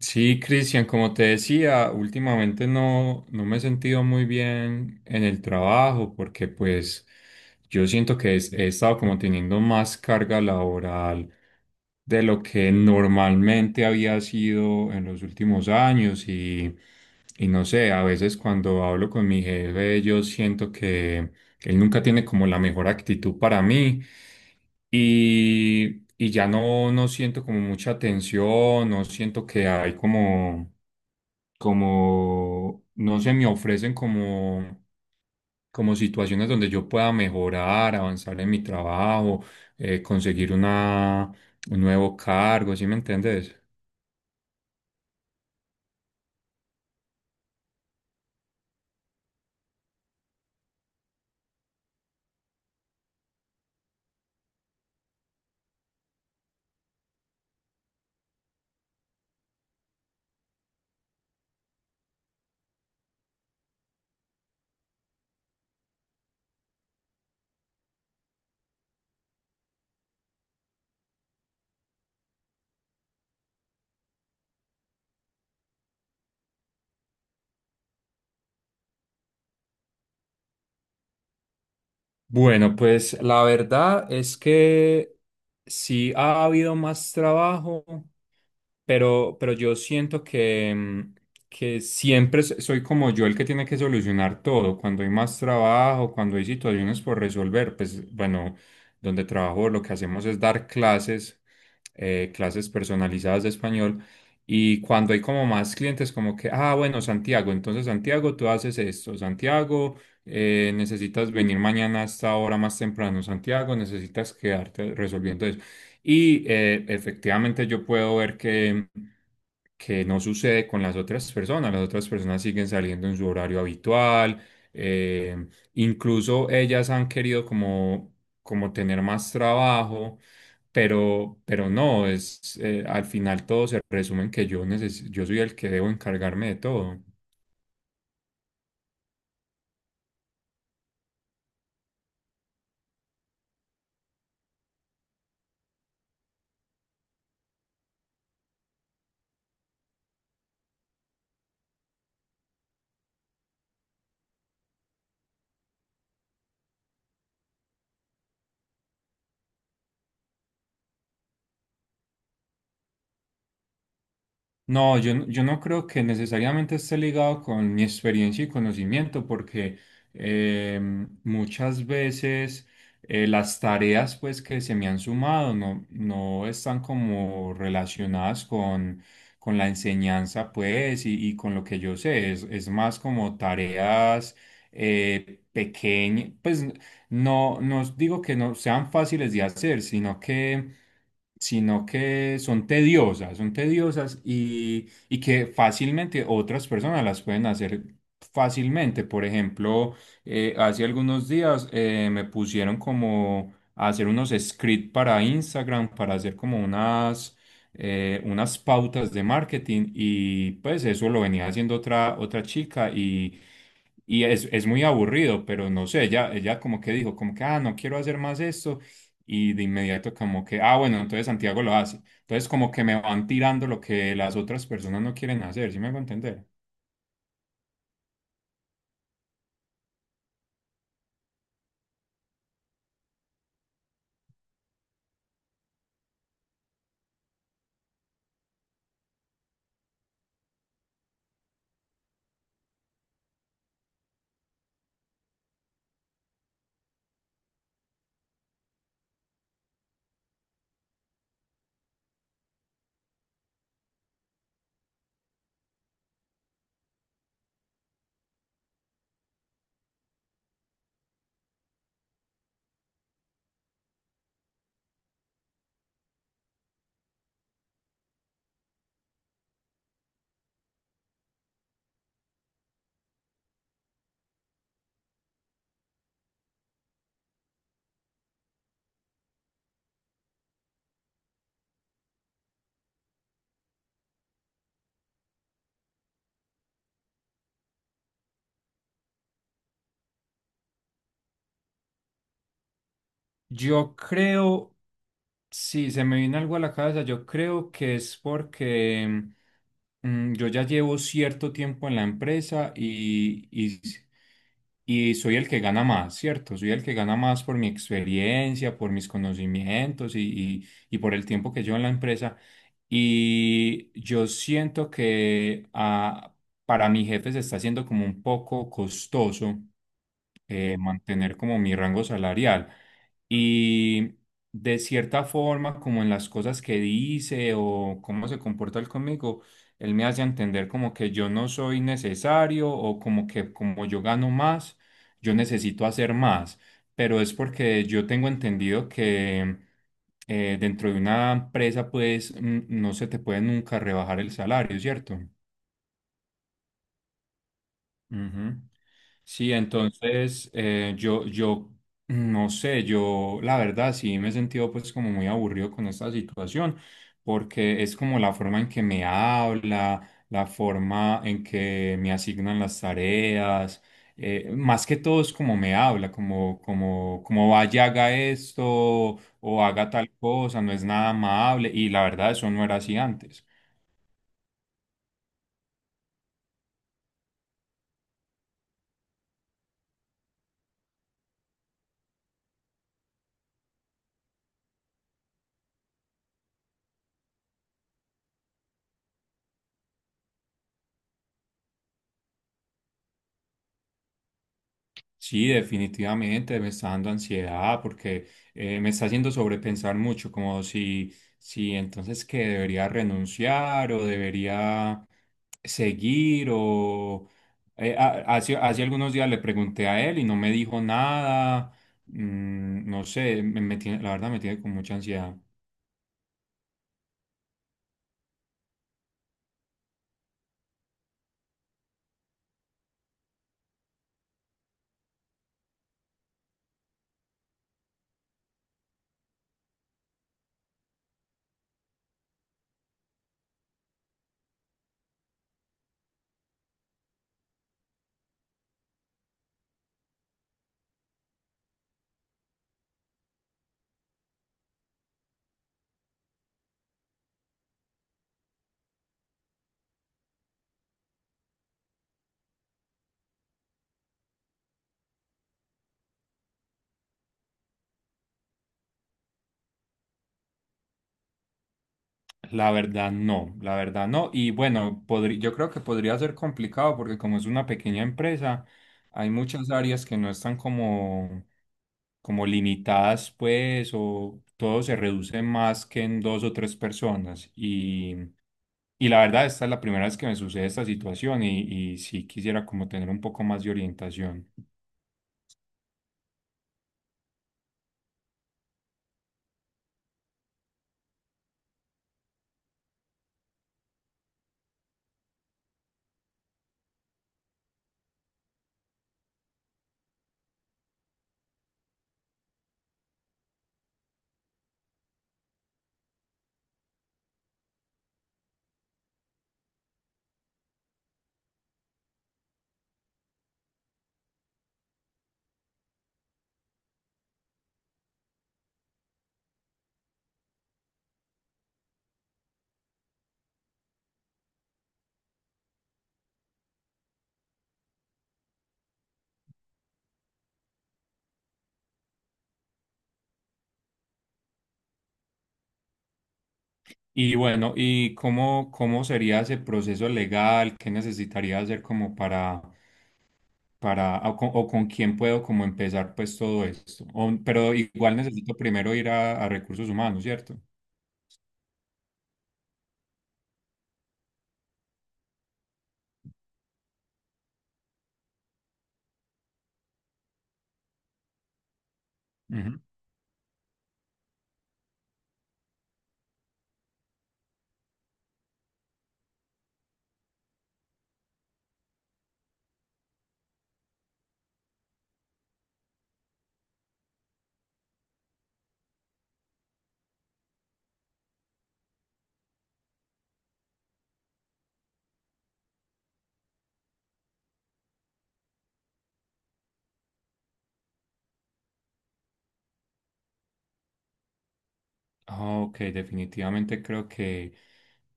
Sí, Cristian, como te decía, últimamente no me he sentido muy bien en el trabajo porque pues yo siento que he estado como teniendo más carga laboral de lo que normalmente había sido en los últimos años y no sé, a veces cuando hablo con mi jefe yo siento que él nunca tiene como la mejor actitud para mí y ya no siento como mucha tensión, no siento que hay como, como, no se me ofrecen como, como situaciones donde yo pueda mejorar, avanzar en mi trabajo, conseguir una, un nuevo cargo, ¿sí me entiendes? Bueno, pues la verdad es que sí ha habido más trabajo, pero yo siento que, que siempre soy como yo el que tiene que solucionar todo. Cuando hay más trabajo, cuando hay situaciones por resolver, pues bueno, donde trabajo lo que hacemos es dar clases, clases personalizadas de español. Y cuando hay como más clientes, como que, ah, bueno, Santiago, entonces Santiago, tú haces esto. Santiago, necesitas venir mañana a esta hora más temprano. Santiago, necesitas quedarte resolviendo y efectivamente yo puedo ver que no sucede con las otras personas. Las otras personas siguen saliendo en su horario habitual. eh, Incluso ellas han querido como, como tener más trabajo, pero no, es, al final todo se resume en que yo, yo soy el que debo encargarme de todo. No, yo, yo no creo que necesariamente esté ligado con mi experiencia y conocimiento, porque eh, muchas veces las tareas pues, que se me han sumado no están como relacionadas con la enseñanza pues, y con lo que yo sé. Es más como tareas pequeñas, pues no digo que no sean fáciles de hacer, sino que son tediosas y que fácilmente otras personas las pueden hacer fácilmente. Por ejemplo, hace algunos días me pusieron como a hacer unos scripts para Instagram, para hacer como unas, unas pautas de marketing y pues eso lo venía haciendo otra, otra chica y... Y es muy aburrido, pero no sé, ella como que dijo, como que, ah, no quiero hacer más esto. Y de inmediato como que, ah, bueno, entonces Santiago lo hace. Entonces como que me van tirando lo que las otras personas no quieren hacer, ¿sí me hago entender? Yo creo, si se me viene algo a la cabeza, yo creo que es porque yo ya llevo cierto tiempo en la empresa y soy el que gana más, ¿cierto? Soy el que gana más por mi experiencia, por mis conocimientos y por el tiempo que llevo en la empresa. Y yo siento que ah, para mi jefe se está haciendo como un poco costoso mantener como mi rango salarial. Y de cierta forma, como en las cosas que dice o cómo se comporta él conmigo, él me hace entender como que yo no soy necesario o como que como yo gano más, yo necesito hacer más. Pero es porque yo tengo entendido que dentro de una empresa, pues no se te puede nunca rebajar el salario, ¿cierto? Ujú. Sí, entonces yo, yo no sé, yo la verdad sí me he sentido pues como muy aburrido con esta situación, porque es como la forma en que me habla, la forma en que me asignan las tareas, más que todo es como me habla, como, como, como vaya, haga esto o haga tal cosa, no es nada amable y la verdad eso no era así antes. Sí, definitivamente me está dando ansiedad porque me está haciendo sobrepensar mucho, como si, si entonces que debería renunciar o debería seguir o hace, hace algunos días le pregunté a él y no me dijo nada. No sé, la verdad me tiene con mucha ansiedad. La verdad no, la verdad no. Y bueno, yo creo que podría ser complicado porque como es una pequeña empresa, hay muchas áreas que no están como como limitadas, pues, o todo se reduce más que en dos o tres personas. Y la verdad, esta es la primera vez que me sucede esta situación y sí quisiera como tener un poco más de orientación. Y bueno, ¿y cómo, cómo sería ese proceso legal? ¿Qué necesitaría hacer como para, o con quién puedo como empezar pues todo esto? Pero igual necesito primero ir a recursos humanos, ¿cierto? Ujú. Ah, ok, definitivamente creo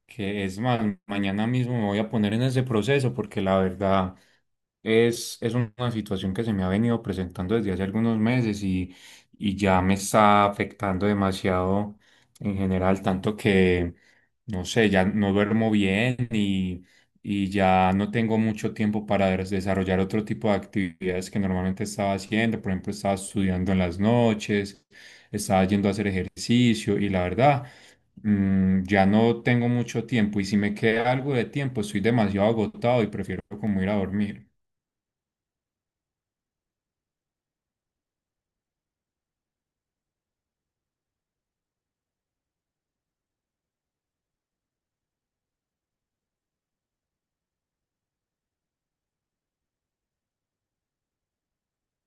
que es más, mañana mismo me voy a poner en ese proceso porque la verdad es una situación que se me ha venido presentando desde hace algunos meses y ya me está afectando demasiado en general, tanto que, no sé, ya no duermo bien y ya no tengo mucho tiempo para desarrollar otro tipo de actividades que normalmente estaba haciendo. Por ejemplo, estaba estudiando en las noches, estaba yendo a hacer ejercicio y la verdad, ya no tengo mucho tiempo y si me queda algo de tiempo, estoy demasiado agotado y prefiero como ir a dormir.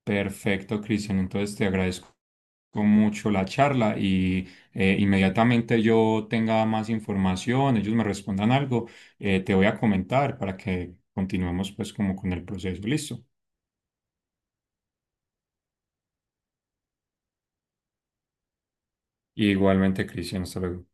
Perfecto, Cristian. Entonces te agradezco mucho la charla y inmediatamente yo tenga más información, ellos me respondan algo, te voy a comentar para que continuemos pues como con el proceso. Listo. Igualmente, Cristian, hasta luego.